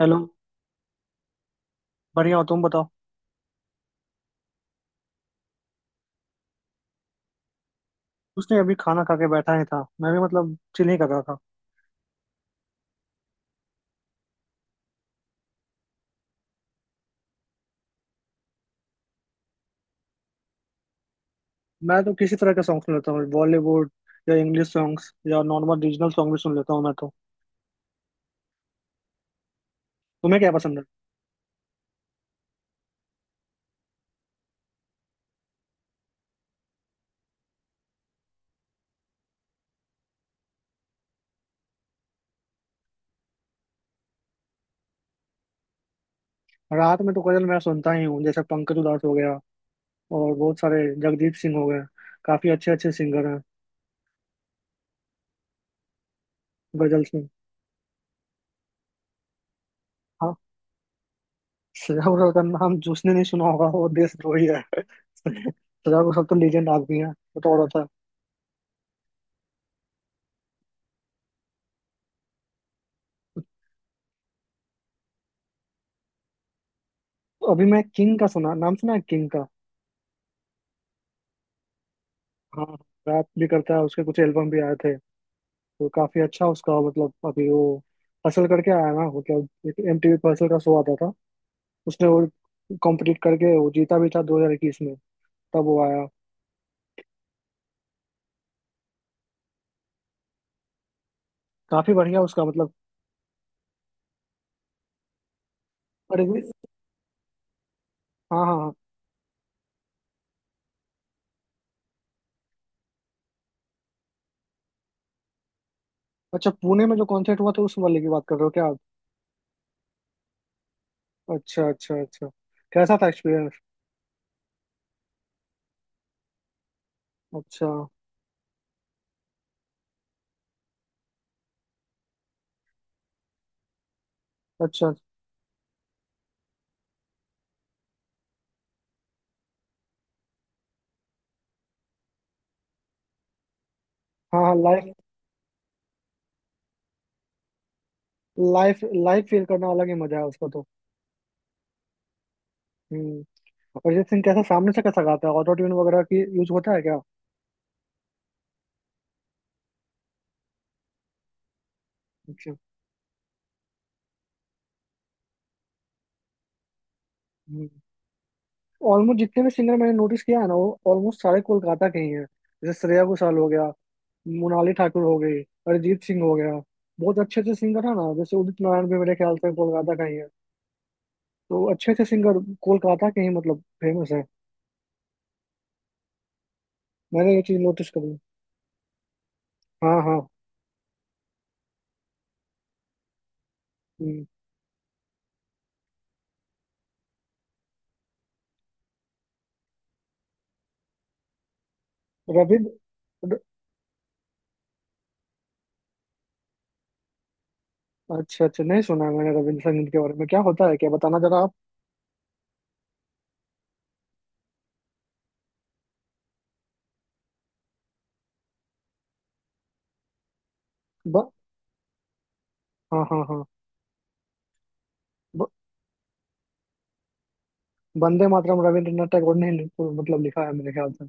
Hello. बढ़िया हो तुम बताओ। उसने अभी खाना खा के बैठा ही था मैं भी मतलब चिल ही कर रहा था। मैं तो किसी तरह के सॉन्ग सुन लेता हूँ बॉलीवुड या इंग्लिश सॉन्ग्स या नॉर्मल रीजनल सॉन्ग भी सुन लेता हूँ मैं तो। तुम्हें क्या पसंद है? रात में तो गजल मैं सुनता ही हूँ जैसे पंकज उधास हो गया और बहुत सारे जगदीप सिंह हो गए। काफी अच्छे अच्छे सिंगर हैं। गजल सिंह। हाँ। सजा घोषाल का नाम जिसने नहीं सुना होगा वो देशद्रोही है। सजा घोषाल तो लीजेंड आदमी है वो तो और होता है। अभी मैं किंग का सुना नाम सुना है किंग का। हाँ। रैप भी करता है उसके कुछ एल्बम भी आए थे। तो काफी अच्छा उसका मतलब अभी वो हसल करके आया ना मतलब एक एमटीवी पर हसल का शो आता था। उसने वो कॉम्पिटिट करके वो जीता भी था 2021 में। तब वो आया काफी बढ़िया उसका मतलब। अरे। हाँ हाँ हाँ। अच्छा पुणे में जो कॉन्सर्ट हुआ था उस वाले की बात कर रहे हो क्या आप? अच्छा अच्छा अच्छा। कैसा था एक्सपीरियंस? अच्छा। अच्छा। हाँ हाँ। लाइफ लाइफ लाइफ फील करना अलग ही मजा है उसका तो। हम्म। अरिजीत सिंह कैसा सामने से कैसा गाता है ऑटो ट्यून वगैरह की यूज होता है क्या? अच्छा। ऑलमोस्ट जितने भी सिंगर मैंने नोटिस किया है ना वो ऑलमोस्ट सारे कोलकाता के ही हैं। जैसे श्रेया घोषाल हो गया। मोनाली ठाकुर हो गई। अरिजीत सिंह हो गया। बहुत अच्छे अच्छे सिंगर है ना जैसे उदित नारायण भी मेरे ख्याल से कोलकाता का ही है। तो अच्छे अच्छे सिंगर कोलकाता के ही मतलब फेमस है। मैंने ये चीज नोटिस करी। हाँ हाँ। हम्म। रविंद्र र- अच्छा अच्छा नहीं सुना है मैंने रविंद्र संगीत के बारे में क्या होता है क्या बताना जरा आप। ब, हाँ हाँ हाँ। ब, वंदे मातरम रविंद्रनाथ टैगोर ने ही मतलब लिखा है मेरे ख्याल से।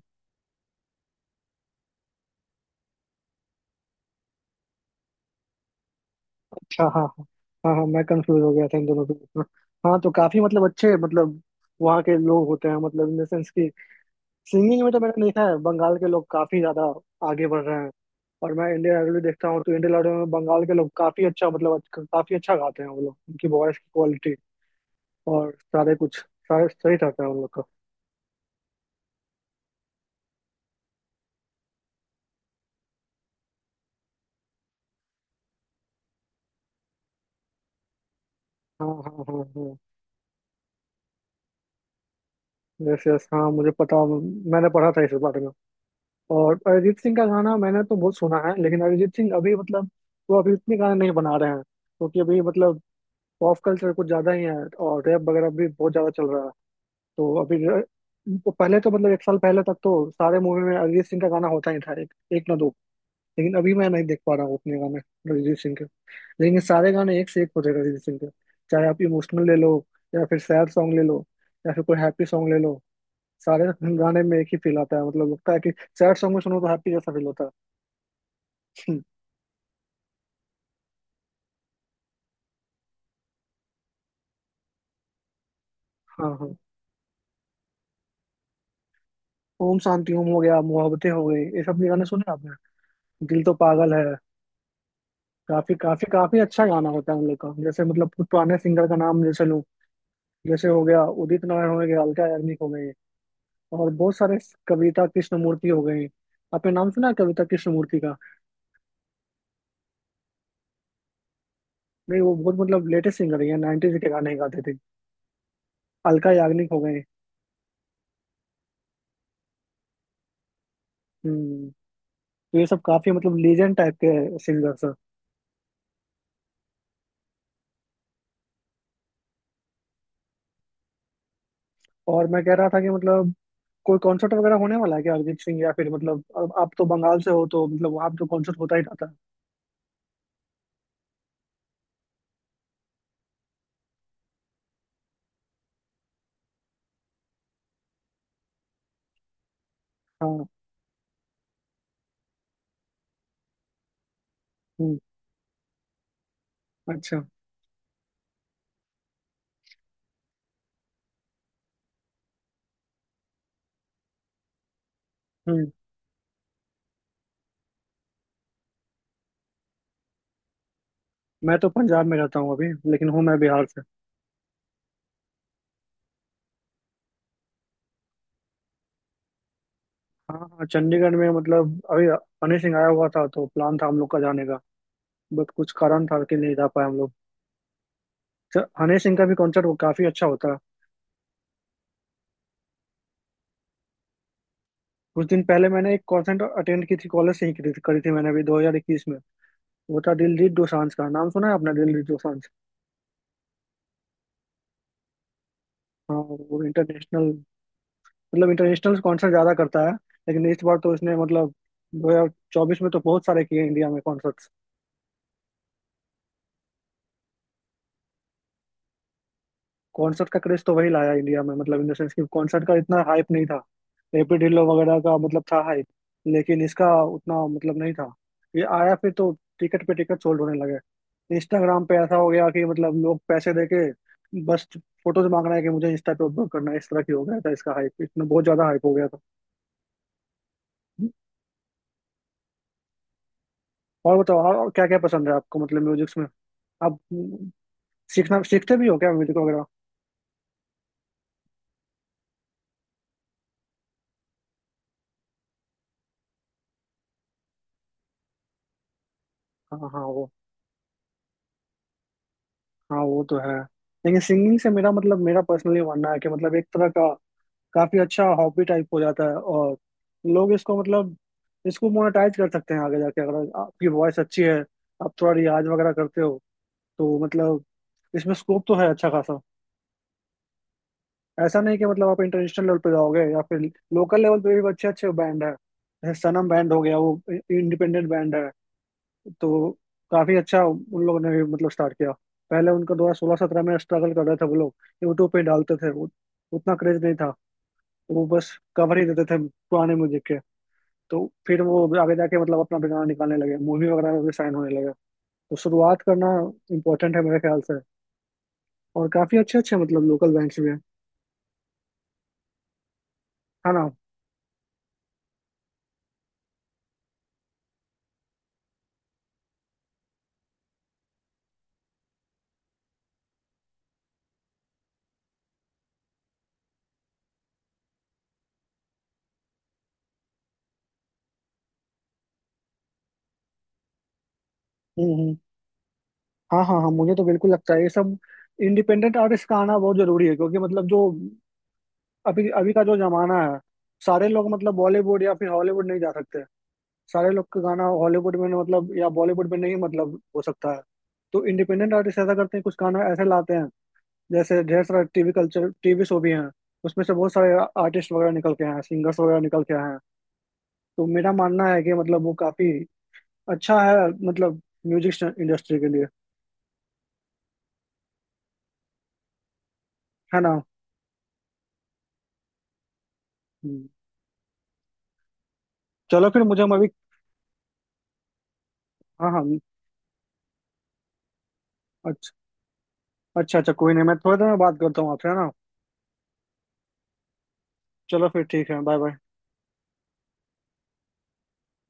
हाँ हाँ हाँ हाँ। हाँ मैं कंफ्यूज हो गया था इन दोनों के बीच में। हाँ तो काफी मतलब अच्छे मतलब वहाँ के लोग होते हैं मतलब इन द सेंस की सिंगिंग में तो मैंने देखा है बंगाल के लोग काफी ज्यादा आगे बढ़ रहे हैं। और मैं इंडियन आइडल भी देखता हूँ तो इंडियन आइडल में बंगाल के लोग काफी अच्छा मतलब काफी अच्छा गाते हैं वो लोग उनकी वॉइस की क्वालिटी और सारे कुछ सारे सही रहता है उन लोग का। हाँ हाँ हाँ हाँ। यस यस हाँ मुझे पता। मैंने पढ़ा था इस बारे में। और अरिजीत सिंह का गाना मैंने तो बहुत सुना है लेकिन अरिजीत सिंह अभी मतलब वो अभी इतने गाने नहीं बना रहे हैं क्योंकि अभी मतलब पॉप कल्चर कुछ ज़्यादा ही है। और रैप वगैरह भी बहुत ज़्यादा चल रहा है। तो अभी र- तो पहले तो मतलब एक साल पहले तक तो सारे मूवी में अरिजीत सिंह का गाना होता ही था एक ना दो। लेकिन अभी मैं नहीं देख पा रहा हूँ उतने गाने अरिजीत सिंह के। लेकिन ये सारे गाने एक से एक होते हैं अरिजीत सिंह के। चाहे आप इमोशनल ले लो या फिर सैड सॉन्ग ले लो या फिर कोई हैप्पी सॉन्ग ले लो सारे गाने में एक ही फील आता है मतलब लगता है कि सैड सॉन्ग में सुनो तो हैप्पी जैसा फील होता है। हाँ हाँ। ओम शांति ओम हो गया मोहब्बतें हो गई ये सब भी गाने सुने आपने दिल तो पागल है। काफी काफी काफी अच्छा गाना होता है उन लोग का जैसे मतलब कुछ पुराने सिंगर का नाम जैसे लूँ जैसे हो गया उदित नारायण हो गया अलका याग्निक हो गए और बहुत सारे कविता कृष्णमूर्ति हो गए। आपने नाम सुना है कविता कृष्णमूर्ति का? नहीं वो बहुत मतलब लेटेस्ट सिंगर है नाइनटीज के गाने गाते थे। अलका याग्निक हो गए। हम्म। तो ये सब काफी मतलब लीजेंड टाइप के सिंगर्स। और मैं कह रहा था कि मतलब कोई कॉन्सर्ट वगैरह होने वाला है क्या अरिजीत सिंह या फिर मतलब अब आप तो बंगाल से हो तो मतलब वहाँ पे तो कॉन्सर्ट होता ही रहता है। हाँ। हम्म। अच्छा। हम्म। मैं तो पंजाब में रहता हूँ अभी लेकिन हूँ मैं बिहार से। हाँ हाँ चंडीगढ़ में मतलब अभी हनी सिंह आया हुआ था तो प्लान था हम लोग का जाने का बट कुछ कारण था कि नहीं जा पाए हम लोग। हनी सिंह का भी कॉन्सर्ट वो काफी अच्छा होता है। कुछ दिन पहले मैंने एक कॉन्सर्ट अटेंड की थी कॉलेज से ही करी थी मैंने अभी 2021 में। वो था दिलजीत दोसांझ का नाम सुना है आपने दिलजीत दोसांझ? हाँ। वो इंटरनेशनल मतलब इंटरनेशनल कॉन्सर्ट ज्यादा करता है। लेकिन इस बार तो इसने मतलब 2024 में तो बहुत सारे किए इंडिया में कॉन्सर्ट्स। कॉन्सर्ट का क्रेज तो वही लाया इंडिया में मतलब इन द सेंस कि कॉन्सर्ट का इतना हाइप नहीं था। एपी ढिल्लो वगैरह का मतलब था हाइप। लेकिन इसका उतना मतलब नहीं था। ये आया फिर तो टिकट पे टिकट सोल्ड होने लगे। इंस्टाग्राम पे ऐसा हो गया कि मतलब लोग पैसे दे के बस फोटोज मांग रहे हैं कि मुझे इंस्टा पे अपलोड करना है इस तरह की हो गया था इसका हाइप इसमें बहुत ज्यादा हाइप हो गया था। और बताओ और क्या क्या पसंद है आपको मतलब म्यूजिक्स में? आप सीखना सीखते भी हो क्या म्यूजिक वगैरह? हाँ हाँ वो। हाँ वो तो है। लेकिन सिंगिंग से मेरा मतलब मेरा पर्सनली मानना है कि मतलब एक तरह का काफी अच्छा हॉबी टाइप हो जाता है। और लोग इसको मतलब इसको मोनेटाइज कर सकते हैं आगे जाके अगर आपकी वॉइस अच्छी है। आप थोड़ा रियाज वगैरह करते हो तो मतलब इसमें स्कोप तो है अच्छा खासा। ऐसा नहीं कि मतलब आप इंटरनेशनल लेवल पे जाओगे या फिर लोकल लेवल पे भी अच्छे अच्छे बैंड है जैसे सनम बैंड हो गया वो इंडिपेंडेंट बैंड है। तो काफी अच्छा उन लोगों ने भी मतलब स्टार्ट किया पहले उनका 2016-17 में स्ट्रगल कर रहे थे वो लोग। यूट्यूब पे डालते थे वो उतना क्रेज नहीं था वो बस कवर ही देते थे पुराने म्यूजिक के तो फिर वो आगे जाके मतलब अपना भी गाना निकालने लगे मूवी वगैरह में भी साइन होने लगे। तो शुरुआत करना इम्पोर्टेंट है मेरे ख्याल से। और काफी अच्छे अच्छे मतलब लोकल बैंड्स भी हैं है ना? हम्म। हाँ हाँ हाँ मुझे तो बिल्कुल लगता है ये सब इंडिपेंडेंट आर्टिस्ट का आना बहुत जरूरी है क्योंकि मतलब जो अभी अभी का जो जमाना है सारे लोग मतलब बॉलीवुड या फिर हॉलीवुड नहीं जा सकते। सारे लोग का गाना हॉलीवुड में नहीं मतलब या बॉलीवुड में नहीं मतलब हो सकता है। तो इंडिपेंडेंट आर्टिस्ट ऐसा करते हैं कुछ गाना ऐसे लाते हैं जैसे ढेर सारे टीवी कल्चर टीवी शो भी हैं। उसमें से बहुत सारे आर्टिस्ट वगैरह निकल के आए हैं सिंगर्स वगैरह निकल के आए हैं। तो मेरा मानना है कि मतलब वो काफी अच्छा है मतलब म्यूजिक इंडस्ट्री के लिए है ना। हम्म। चलो फिर मुझे हम अभी। हाँ हाँ। अच्छा अच्छा अच्छा कोई नहीं मैं थोड़ी देर में बात करता हूँ आपसे है ना? चलो फिर ठीक है बाय बाय।